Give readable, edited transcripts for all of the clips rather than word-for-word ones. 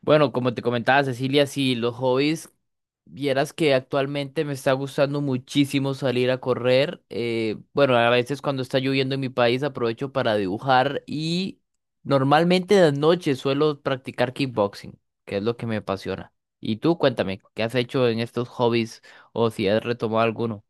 Bueno, como te comentaba Cecilia, sí, los hobbies, vieras que actualmente me está gustando muchísimo salir a correr. Bueno, a veces cuando está lloviendo en mi país aprovecho para dibujar y normalmente de noche suelo practicar kickboxing, que es lo que me apasiona. Y tú, cuéntame, ¿qué has hecho en estos hobbies o si has retomado alguno?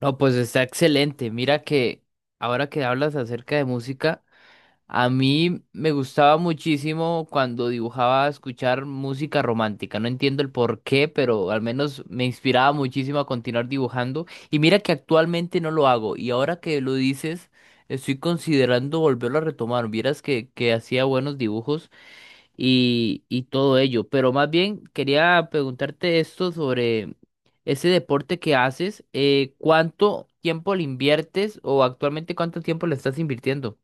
No, pues está excelente. Mira que ahora que hablas acerca de música. A mí me gustaba muchísimo cuando dibujaba escuchar música romántica. No entiendo el por qué, pero al menos me inspiraba muchísimo a continuar dibujando. Y mira que actualmente no lo hago. Y ahora que lo dices, estoy considerando volverlo a retomar. Vieras que hacía buenos dibujos y todo ello. Pero más bien quería preguntarte esto sobre ese deporte que haces. ¿Cuánto tiempo le inviertes o actualmente cuánto tiempo le estás invirtiendo?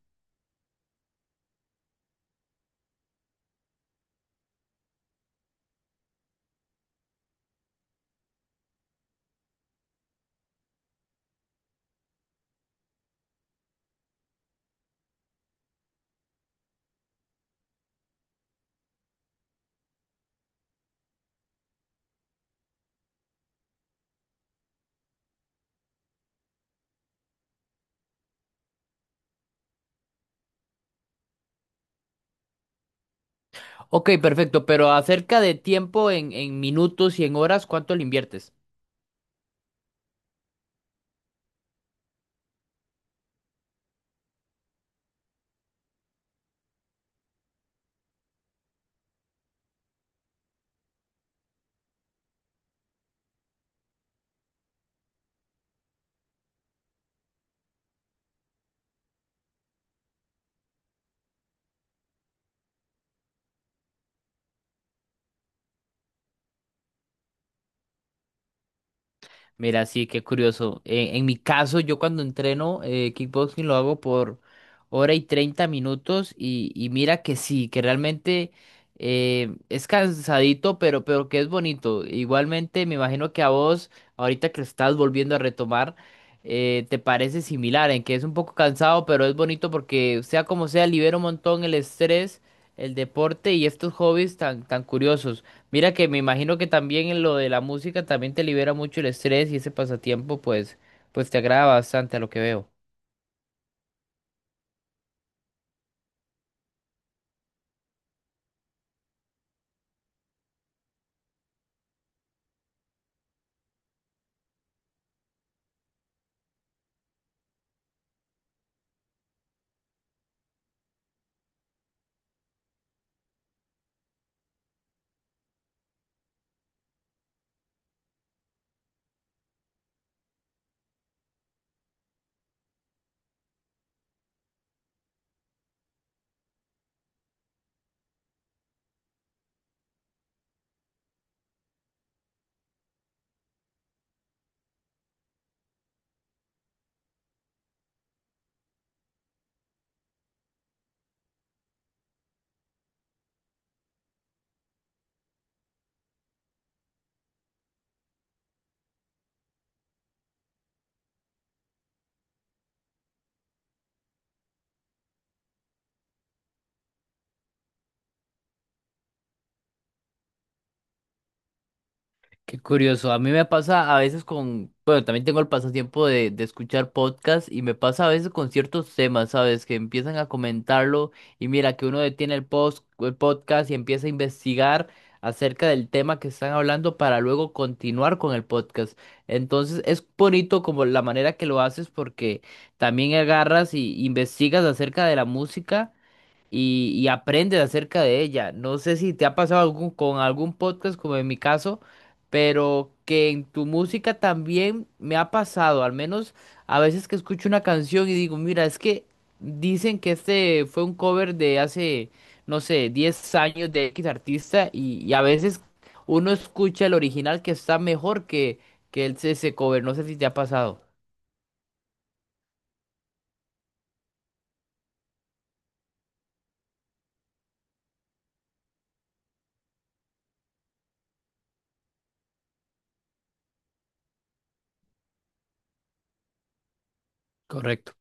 Ok, perfecto, pero acerca de tiempo en minutos y en horas, ¿cuánto le inviertes? Mira, sí, qué curioso. En mi caso, yo cuando entreno kickboxing lo hago por hora y 30 minutos y mira que sí, que realmente es cansadito, pero que es bonito. Igualmente, me imagino que a vos, ahorita que lo estás volviendo a retomar, te parece similar, en que es un poco cansado, pero es bonito porque sea como sea, libera un montón el estrés, el deporte y estos hobbies tan, tan curiosos. Mira que me imagino que también en lo de la música también te libera mucho el estrés y ese pasatiempo pues te agrada bastante a lo que veo. Qué curioso. A mí me pasa a veces con, bueno, también tengo el pasatiempo de escuchar podcasts y me pasa a veces con ciertos temas, ¿sabes? Que empiezan a comentarlo y mira que uno detiene el post, el podcast y empieza a investigar acerca del tema que están hablando para luego continuar con el podcast. Entonces es bonito como la manera que lo haces porque también agarras y investigas acerca de la música y aprendes acerca de ella. No sé si te ha pasado algún- con algún podcast, como en mi caso, pero que en tu música también me ha pasado, al menos a veces que escucho una canción y digo, mira, es que dicen que este fue un cover de hace, no sé, 10 años de X artista y a veces uno escucha el original que está mejor que el, ese cover. No sé si te ha pasado. Correcto.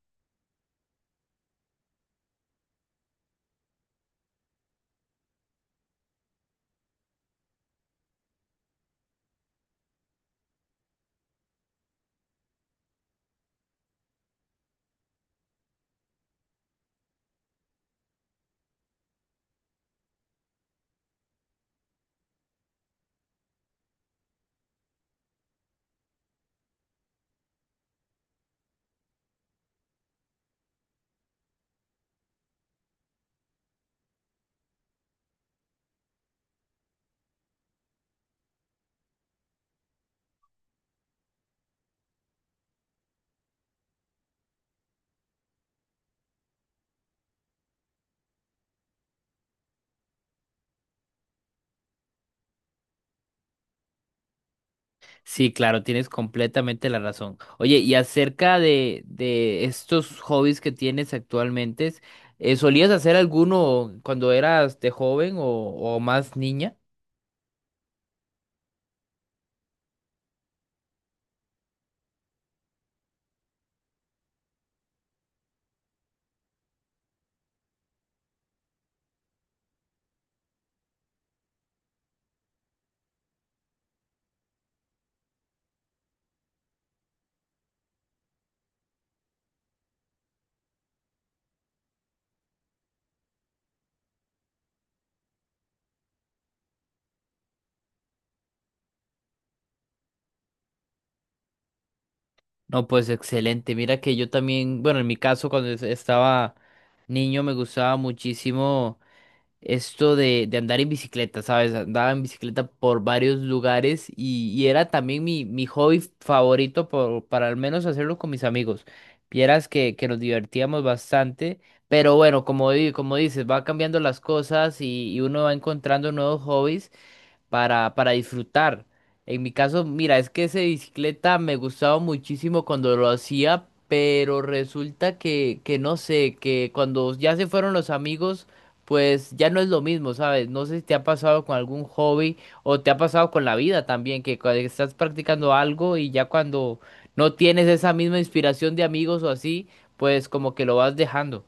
Sí, claro, tienes completamente la razón. Oye, y acerca de estos hobbies que tienes actualmente, ¿solías hacer alguno cuando eras de joven o más niña? No, pues excelente. Mira que yo también, bueno, en mi caso, cuando es- estaba niño me gustaba muchísimo. Esto de andar en bicicleta, ¿sabes? Andaba en bicicleta por varios lugares y era también mi hobby favorito por- para al menos hacerlo con mis amigos. Vieras que nos divertíamos bastante, pero bueno, como, di- como dices, va cambiando las cosas y uno va encontrando nuevos hobbies para disfrutar. En mi caso, mira, es que esa bicicleta me gustaba muchísimo cuando lo hacía, pero resulta que no sé, que cuando ya se fueron los amigos, pues ya no es lo mismo, ¿sabes? No sé si te ha pasado con algún hobby o te ha pasado con la vida también, que cuando estás practicando algo y ya cuando no tienes esa misma inspiración de amigos o así, pues como que lo vas dejando.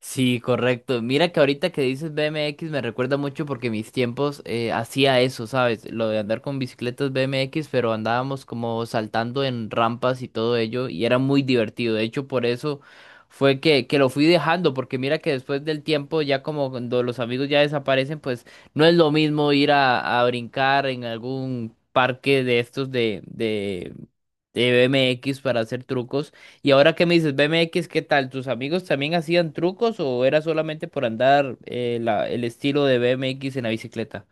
Sí, correcto. Mira que ahorita que dices BMX me recuerda mucho porque mis tiempos hacía eso, ¿sabes? Lo de andar con bicicletas BMX, pero andábamos como saltando en rampas y todo ello y era muy divertido. De hecho, por eso fue que lo fui dejando, porque mira que después del tiempo, ya como cuando los amigos ya desaparecen, pues no es lo mismo ir a brincar en algún parque de estos de BMX para hacer trucos y ahora que me dices BMX, ¿qué tal? ¿Tus amigos también hacían trucos o era solamente por andar la- el estilo de BMX en la bicicleta?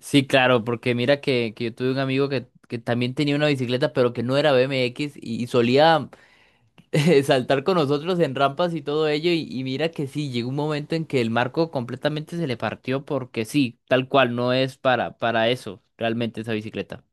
Sí, claro, porque mira que yo tuve un amigo que también tenía una bicicleta, pero que no era BMX y solía saltar con nosotros en rampas y todo ello. Y mira que sí, llegó un momento en que el marco completamente se le partió porque sí, tal cual, no es para eso realmente esa bicicleta.